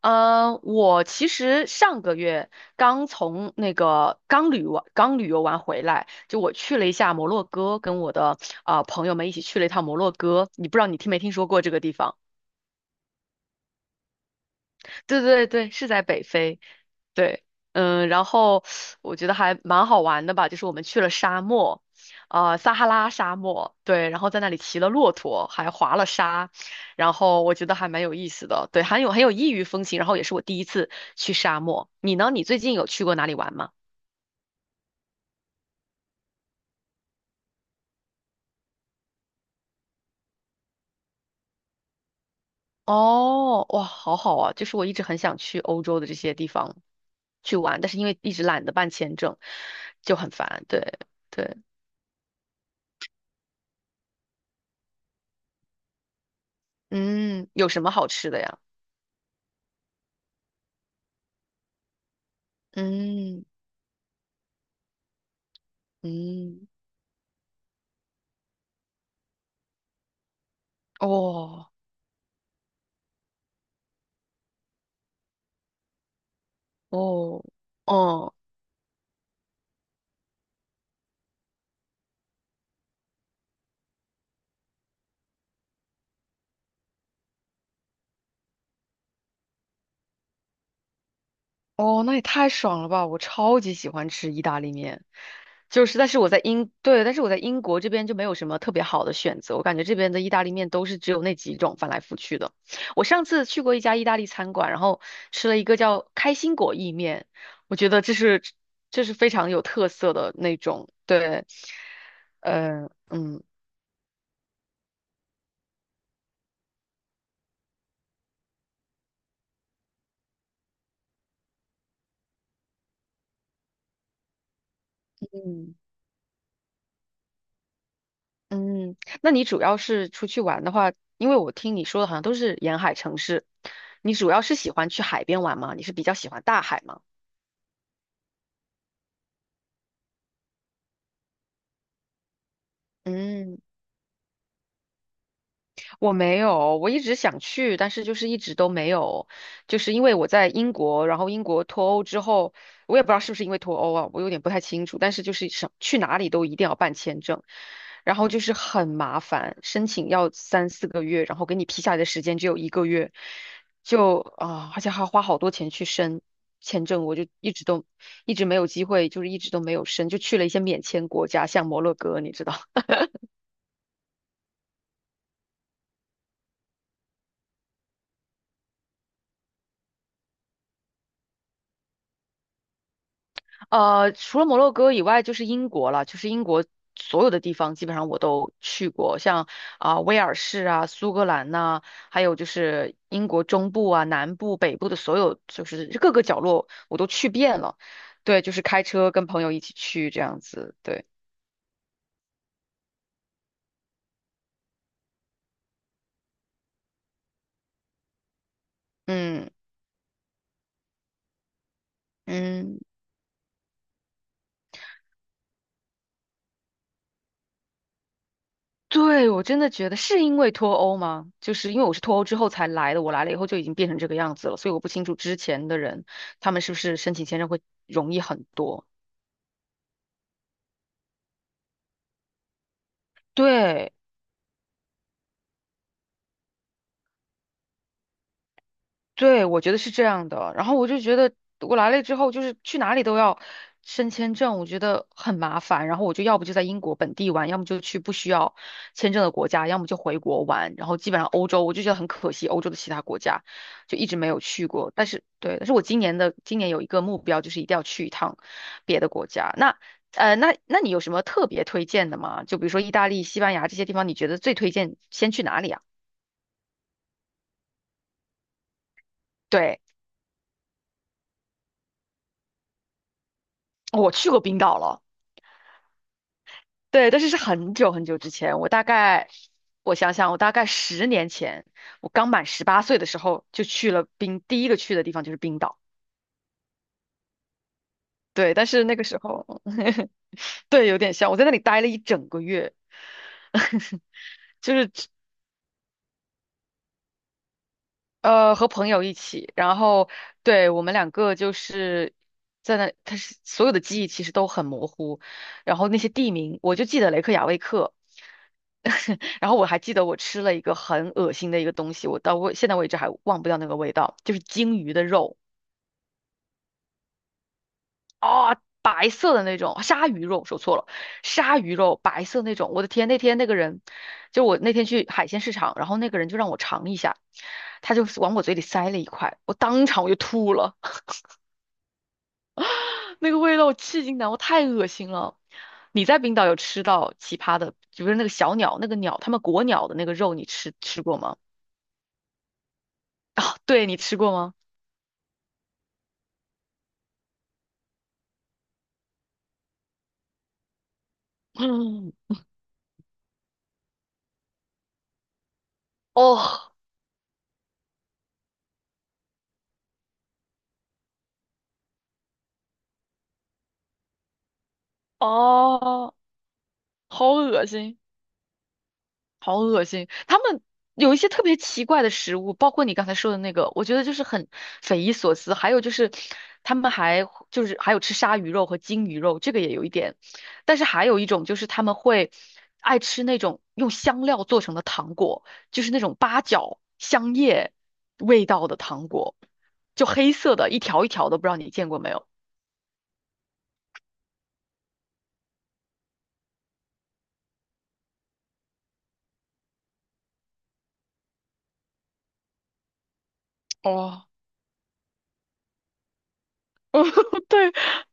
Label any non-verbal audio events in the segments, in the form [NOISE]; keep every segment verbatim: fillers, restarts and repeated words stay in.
呃，我其实上个月刚从那个刚旅完刚旅游完回来，就我去了一下摩洛哥，跟我的啊、呃朋友们一起去了一趟摩洛哥。你不知道你听没听说过这个地方？[LAUGHS] 对对对，是在北非。对，嗯，然后我觉得还蛮好玩的吧，就是我们去了沙漠，啊、撒哈拉沙漠，对，然后在那里骑了骆驼，还滑了沙，然后我觉得还蛮有意思的，对，很有很有异域风情，然后也是我第一次去沙漠。你呢？你最近有去过哪里玩吗？哦，哇，好好啊，就是我一直很想去欧洲的这些地方去玩，但是因为一直懒得办签证，就很烦。对对，嗯，有什么好吃的呀？嗯嗯。哦哦哦哦，那也太爽了吧！我超级喜欢吃意大利面，就是，但是我在英，对，但是我在英国这边就没有什么特别好的选择，我感觉这边的意大利面都是只有那几种翻来覆去的。我上次去过一家意大利餐馆，然后吃了一个叫开心果意面，我觉得这是这是非常有特色的那种，对，呃，嗯嗯。嗯，那你主要是出去玩的话，因为我听你说的好像都是沿海城市，你主要是喜欢去海边玩吗？你是比较喜欢大海吗？嗯。我没有，我一直想去，但是就是一直都没有，就是因为我在英国，然后英国脱欧之后，我也不知道是不是因为脱欧啊，我有点不太清楚，但是就是想去哪里都一定要办签证，然后就是很麻烦，申请要三四个月，然后给你批下来的时间只有一个月，就啊，而且还要花好多钱去申签证，我就一直都一直没有机会，就是一直都没有申，就去了一些免签国家，像摩洛哥，你知道。呃，除了摩洛哥以外，就是英国了，就是英国所有的地方基本上我都去过，像啊、威尔士啊、苏格兰呐、还有就是英国中部啊、南部、北部的所有，就是各个角落我都去遍了。对，就是开车跟朋友一起去这样子。对，嗯嗯，对，我真的觉得是因为脱欧吗？就是因为我是脱欧之后才来的，我来了以后就已经变成这个样子了，所以我不清楚之前的人他们是不是申请签证会容易很多。对。对，我觉得是这样的。然后我就觉得我来了之后，就是去哪里都要申签证，我觉得很麻烦。然后我就要不就在英国本地玩，要么就去不需要签证的国家，要么就回国玩。然后基本上欧洲，我就觉得很可惜，欧洲的其他国家就一直没有去过。但是对，但是我今年的今年有一个目标，就是一定要去一趟别的国家。那呃，那那你有什么特别推荐的吗？就比如说意大利、西班牙这些地方，你觉得最推荐先去哪里啊？对，我去过冰岛了。对，但是是很久很久之前，我大概，我想想，我大概十年前，我刚满十八岁的时候就去了冰，第一个去的地方就是冰岛。对，但是那个时候，[LAUGHS] 对，有点像，我在那里待了一整个月。呃，和朋友一起，然后对我们两个就是在那，他是所有的记忆其实都很模糊，然后那些地名我就记得雷克雅未克，[LAUGHS] 然后我还记得我吃了一个很恶心的一个东西，我到我现在为止还忘不掉那个味道，就是鲸鱼的肉啊、白色的那种鲨鱼肉，说错了，鲨鱼肉白色那种，我的天，那天那个人就我那天去海鲜市场，然后那个人就让我尝一下，他就往我嘴里塞了一块，我当场我就吐了。那个味道我至今难，我太恶心了。你在冰岛有吃到奇葩的，就是那个小鸟，那个鸟，他们国鸟的那个肉，你吃吃过吗？[LAUGHS] 啊，对，你吃过吗？嗯，哦哦，好恶心。好恶心！他们有一些特别奇怪的食物，包括你刚才说的那个，我觉得就是很匪夷所思。还有就是，他们还就是还有吃鲨鱼肉和鲸鱼肉，这个也有一点。但是还有一种就是他们会爱吃那种用香料做成的糖果，就是那种八角、香叶味道的糖果，就黑色的，一条一条的，不知道你见过没有？哦，对，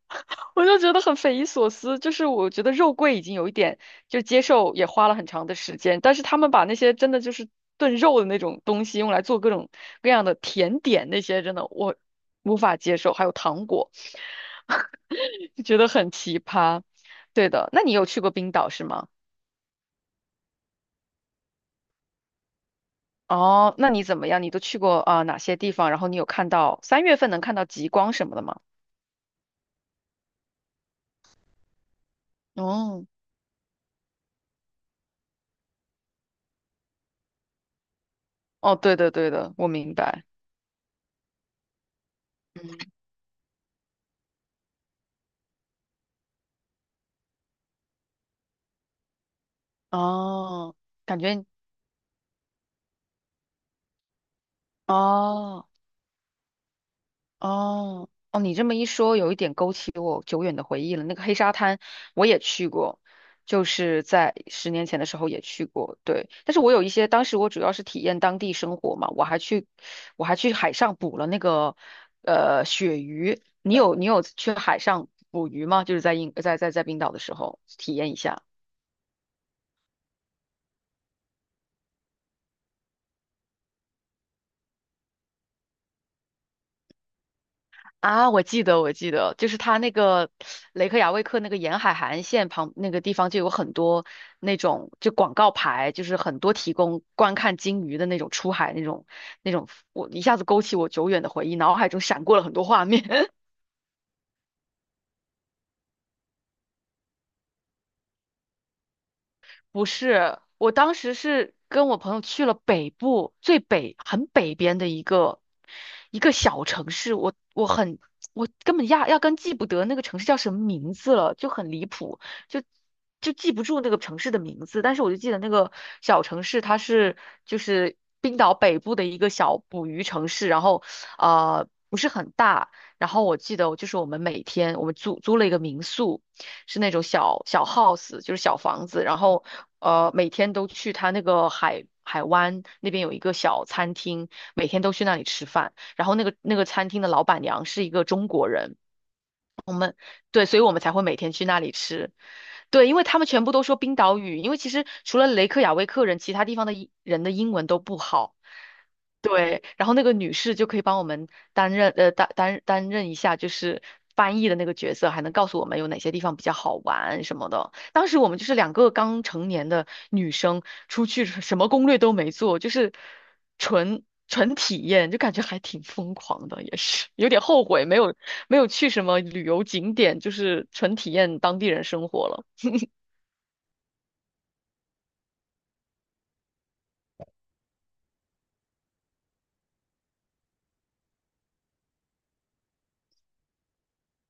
[LAUGHS] 我就觉得很匪夷所思。就是我觉得肉桂已经有一点就接受，也花了很长的时间，但是他们把那些真的就是炖肉的那种东西用来做各种各样的甜点，那些真的我无法接受。还有糖果，[LAUGHS] 就觉得很奇葩。对的，那你有去过冰岛是吗？哦，那你怎么样？你都去过啊、哪些地方？然后你有看到三月份能看到极光什么的吗？哦，哦，对的对的，我明白。哦，感觉哦哦哦，你这么一说，有一点勾起我久远的回忆了。那个黑沙滩我也去过，就是在十年前的时候也去过，对。但是我有一些，当时我主要是体验当地生活嘛，我还去我还去海上捕了那个呃鳕鱼。你有你有去海上捕鱼吗？就是在英在在在冰岛的时候体验一下。啊，我记得，我记得，就是他那个雷克雅未克那个沿海海岸线旁那个地方，就有很多那种就广告牌，就是很多提供观看鲸鱼的那种出海那种那种，我一下子勾起我久远的回忆，脑海中闪过了很多画面。不是，我当时是跟我朋友去了北部，最北，很北边的一个一个小城市，我我很我根本压压根记不得那个城市叫什么名字了，就很离谱，就就记不住那个城市的名字，但是我就记得那个小城市它是就是冰岛北部的一个小捕鱼城市，然后呃不是很大，然后我记得就是我们每天我们租租了一个民宿。是那种小小 house，就是小房子，然后呃每天都去他那个海海湾那边有一个小餐厅，每天都去那里吃饭，然后那个那个餐厅的老板娘是一个中国人，对，所以我们才会每天去那里吃。对，因为他们全部都说冰岛语，因为其实除了雷克雅未克人，其他地方的英人的英文都不好。对，然后那个女士就可以帮我们担任呃担担担任一下就是翻译的那个角色，还能告诉我们有哪些地方比较好玩什么的。当时我们就是两个刚成年的女生出去，什么攻略都没做，就是纯纯体验，就感觉还挺疯狂的，也是有点后悔没有没有去什么旅游景点，就是纯体验当地人生活了。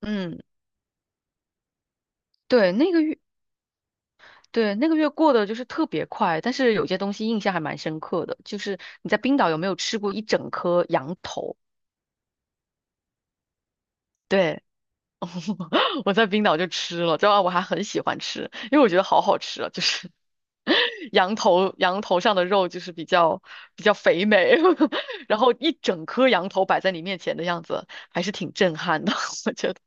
嗯，对，那个月，对，那个月过得就是特别快，但是有些东西印象还蛮深刻的，就是你在冰岛有没有吃过一整颗羊头？对。[LAUGHS] 我在冰岛就吃了，主要我还很喜欢吃，因为我觉得好好吃啊，就是 [LAUGHS] 羊头羊头上的肉就是比较比较肥美，[LAUGHS] 然后一整颗羊头摆在你面前的样子，还是挺震撼的，[LAUGHS] 我觉得。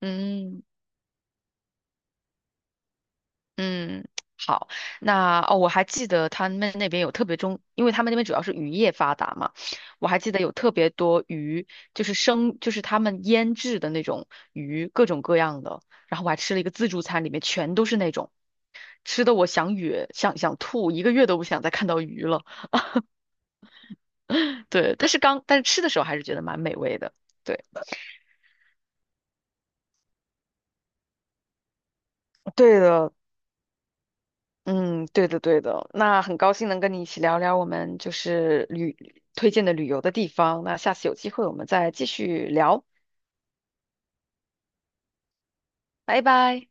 嗯嗯，好，那哦，我还记得他们那边有特别中，因为他们那边主要是渔业发达嘛，我还记得有特别多鱼，就是生，就是他们腌制的那种鱼，各种各样的。然后我还吃了一个自助餐，里面全都是那种。吃的我想哕，想想吐，一个月都不想再看到鱼了。对，但是刚但是吃的时候还是觉得蛮美味的。对，对的，嗯，对的对的。那很高兴能跟你一起聊聊我们就是旅推荐的旅游的地方。那下次有机会我们再继续聊，拜拜。